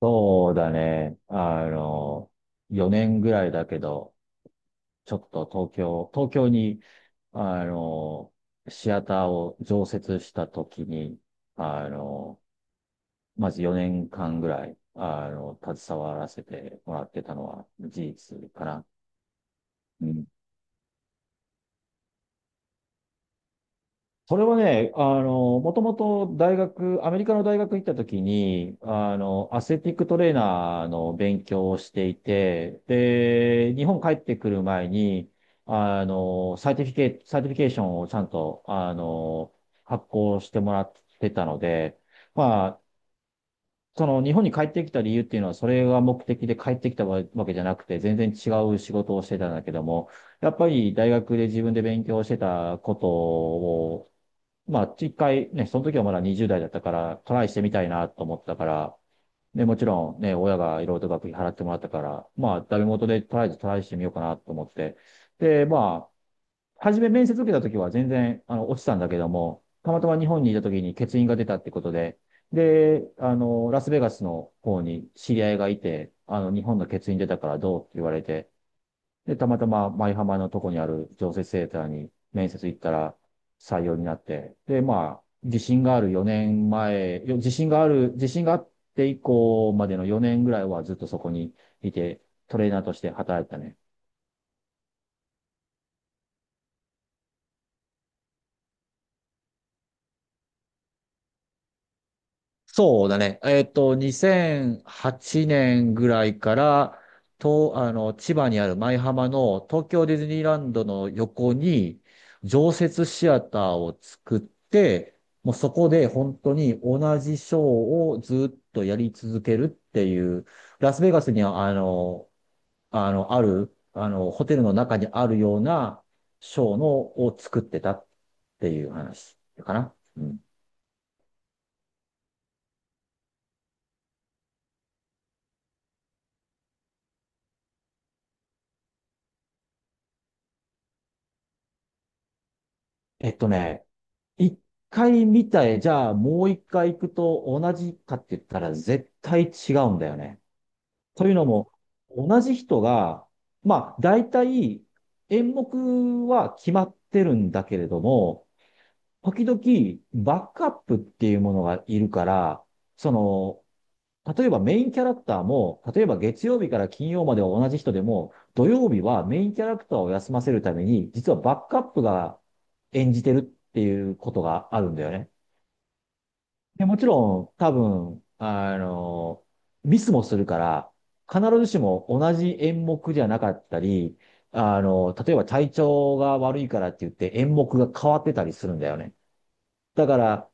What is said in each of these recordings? そうだね。4年ぐらいだけど、ちょっと東京に、あの、シアターを常設した時に、あの、まず4年間ぐらい、携わらせてもらってたのは事実かな。うん。それはね、もともとアメリカの大学行った時に、アスレティックトレーナーの勉強をしていて、で、日本帰ってくる前に、サーティフィケーションをちゃんと、発行してもらってたので、まあ、その日本に帰ってきた理由っていうのは、それが目的で帰ってきたわけじゃなくて、全然違う仕事をしてたんだけども、やっぱり大学で自分で勉強してたことを、まあ、一回ね、その時はまだ20代だったから、トライしてみたいなと思ったから、ね、もちろんね、親がいろいろと学費払ってもらったから、まあ、ダメ元でとりあえずトライしてみようかなと思って。で、まあ、初め面接受けた時は全然、落ちたんだけども、たまたま日本にいた時に欠員が出たってことで、で、ラスベガスの方に知り合いがいて、日本の欠員出たからどうって言われて、で、たまたま舞浜のとこにある常設セーターに面接行ったら採用になって、で、まあ、自信があって以降までの4年ぐらいはずっとそこにいて、トレーナーとして働いてたね。そうだね。えっと、2008年ぐらいから、千葉にある舞浜の東京ディズニーランドの横に常設シアターを作って、もうそこで本当に同じショーをずっとやり続けるっていう、ラスベガスにはあの、あの、ある、あの、ホテルの中にあるようなショーのを作ってたっていう話かな。うん。ね、一回見たい。じゃあ、もう一回行くと同じかって言ったら絶対違うんだよね。というのも、同じ人が、まあ、大体演目は決まってるんだけれども、時々バックアップっていうものがいるから、その、例えばメインキャラクターも、例えば月曜日から金曜までは同じ人でも、土曜日はメインキャラクターを休ませるために、実はバックアップが演じてるっていうことがあるんだよね。で、もちろん、多分、ミスもするから、必ずしも同じ演目じゃなかったり、例えば体調が悪いからって言って演目が変わってたりするんだよね。だから、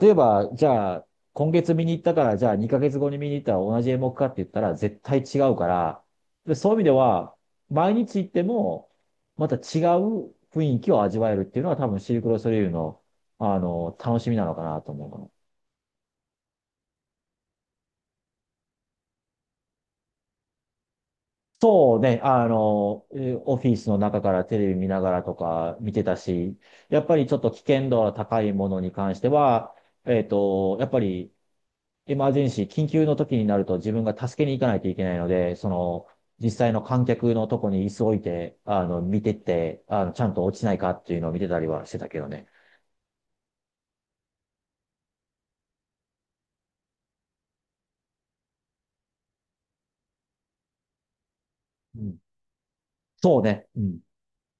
例えば、じゃあ、今月見に行ったから、じゃあ2ヶ月後に見に行ったら同じ演目かって言ったら絶対違うから、で、そういう意味では、毎日行っても、また違う雰囲気を味わえるっていうのは多分シルクロソレイユの、楽しみなのかなと思うかな。そうね、オフィスの中からテレビ見ながらとか見てたし、やっぱりちょっと危険度が高いものに関しては、やっぱりエマージェンシー、緊急の時になると自分が助けに行かないといけないので、その、実際の観客のとこに椅子置いて、見てって、ちゃんと落ちないかっていうのを見てたりはしてたけどね。うん、そうね。うん。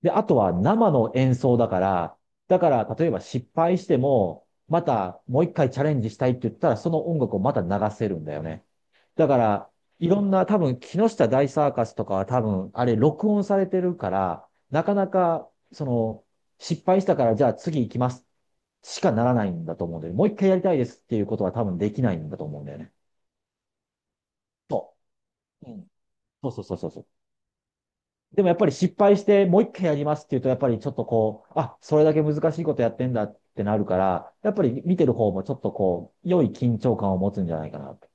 で、あとは生の演奏だから、だから例えば失敗しても、またもう一回チャレンジしたいって言ったら、その音楽をまた流せるんだよね。だから、いろんな多分、木下大サーカスとかは多分、あれ録音されてるから、なかなか、その、失敗したからじゃあ次行きますしかならないんだと思うんだよね。もう一回やりたいですっていうことは多分できないんだと思うんだよね。そう。うん。そうそうそうそうそう。でもやっぱり失敗してもう一回やりますっていうと、やっぱりちょっとこう、あ、それだけ難しいことやってんだってなるから、やっぱり見てる方もちょっとこう、良い緊張感を持つんじゃないかなと。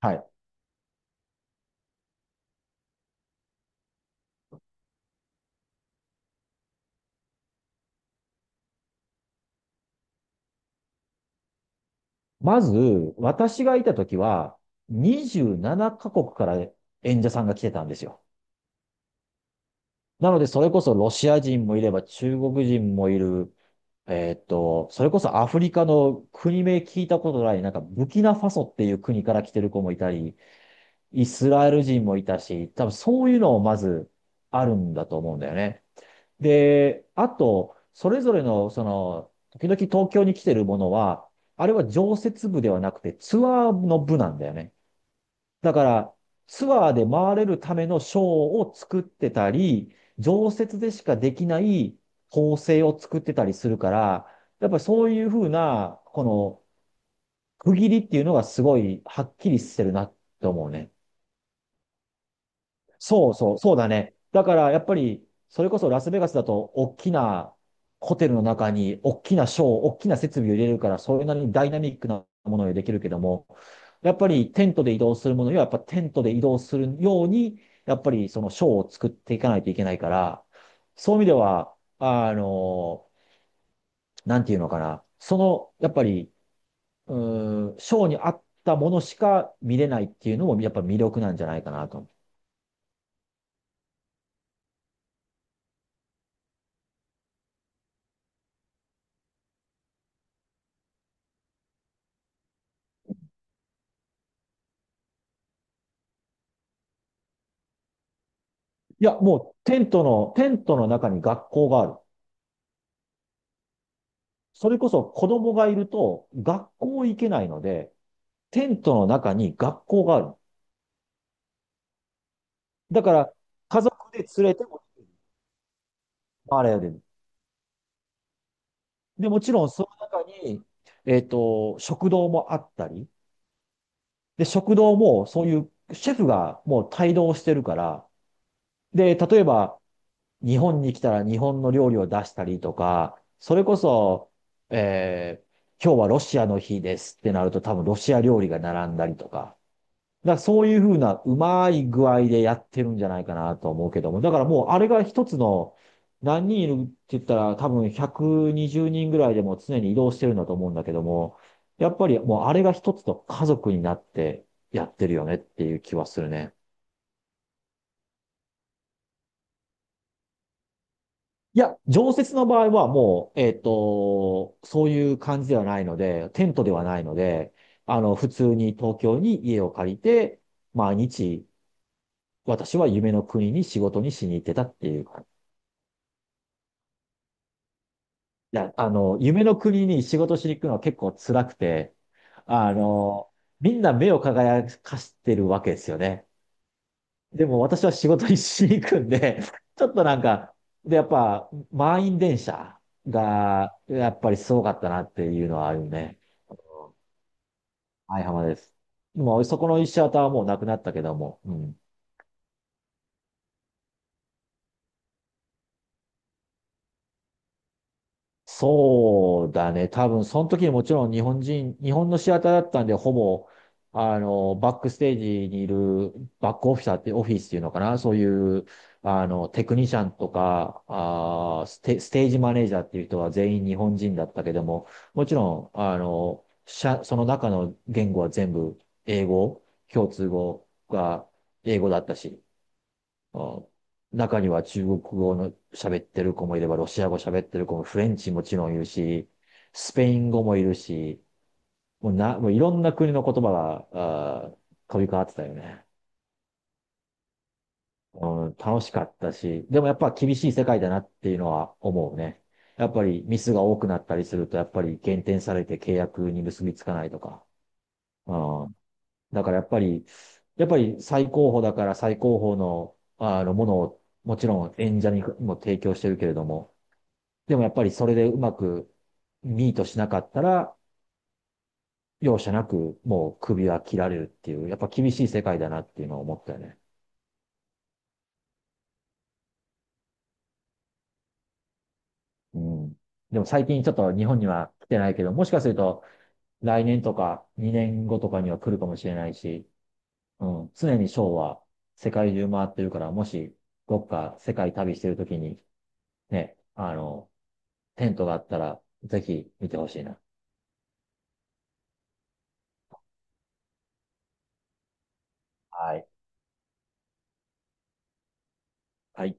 はい。まず、私がいた時は、27カ国から演者さんが来てたんですよ。なので、それこそロシア人もいれば中国人もいる、それこそアフリカの国名聞いたことない、なんかブキナファソっていう国から来てる子もいたり、イスラエル人もいたし、多分そういうのをまずあるんだと思うんだよね。で、あと、それぞれの、その、時々東京に来てるものは、あれは常設部ではなくてツアーの部なんだよね。だから、ツアーで回れるためのショーを作ってたり、常設でしかできない構成を作ってたりするから、やっぱりそういうふうな、この、区切りっていうのがすごいはっきりしてるなって思うね。そうそう、そうだね。だからやっぱり、それこそラスベガスだと、大きなホテルの中に、大きなショー、大きな設備を入れるから、それなりにダイナミックなものができるけども、やっぱりテントで移動するものには、やっぱテントで移動するように、やっぱりそのショーを作っていかないといけないから、そういう意味では、なんていうのかな、その、やっぱり、うショーに合ったものしか見れないっていうのも、やっぱ魅力なんじゃないかなと。いや、もうテントの中に学校がある。それこそ子供がいると学校行けないので、テントの中に学校がある。だから家族で連れても回れる。で、もちろんその中に、食堂もあったり、で、食堂もそういうシェフがもう帯同してるから、で、例えば日本に来たら日本の料理を出したりとか、それこそ、えー今日はロシアの日ですってなると多分ロシア料理が並んだりとか。だからそういうふうなうまい具合でやってるんじゃないかなと思うけども。だからもうあれが一つの何人いるって言ったら多分120人ぐらいでも常に移動してるんだと思うんだけども、やっぱりもうあれが一つの家族になってやってるよねっていう気はするね。いや、常設の場合はもう、そういう感じではないので、テントではないので、普通に東京に家を借りて、毎日、私は夢の国に仕事にしに行ってたっていう感じ。いや、夢の国に仕事しに行くのは結構辛くて、あの、みんな目を輝かしてるわけですよね。でも私は仕事にしに行くんで、ちょっとなんか、で、やっぱ、満員電車が、やっぱりすごかったなっていうのはあるね。はい、浜です。もうそこのいちシアターはもうなくなったけども、うん。そうだね。多分、その時にもちろん日本のシアターだったんで、ほぼ、バックステージにいるバックオフィサーって、オフィスっていうのかな。そういう、テクニシャンとか、ステージマネージャーっていう人は全員日本人だったけども、もちろん、その中の言語は全部英語、共通語が英語だったし、あ中には中国語の喋ってる子もいれば、ロシア語喋ってる子も、フレンチもちろんいるし、スペイン語もいるし、もういろんな国の言葉が、あー飛び交ってたよね。うん、楽しかったし、でもやっぱ厳しい世界だなっていうのは思うね。やっぱりミスが多くなったりすると、やっぱり減点されて契約に結びつかないとか。うん、だからやっぱり、やっぱり最高峰だから最高峰の、ものをもちろん演者にも提供してるけれども、でもやっぱりそれでうまくミートしなかったら、容赦なくもう首は切られるっていう、やっぱ厳しい世界だなっていうのを思ったよね。うん。でも最近ちょっと日本には来てないけど、もしかすると来年とか2年後とかには来るかもしれないし、うん。常にショーは世界中回ってるから、もしどっか世界旅してるときにね、テントがあったらぜひ見てほしいな。はい。はい。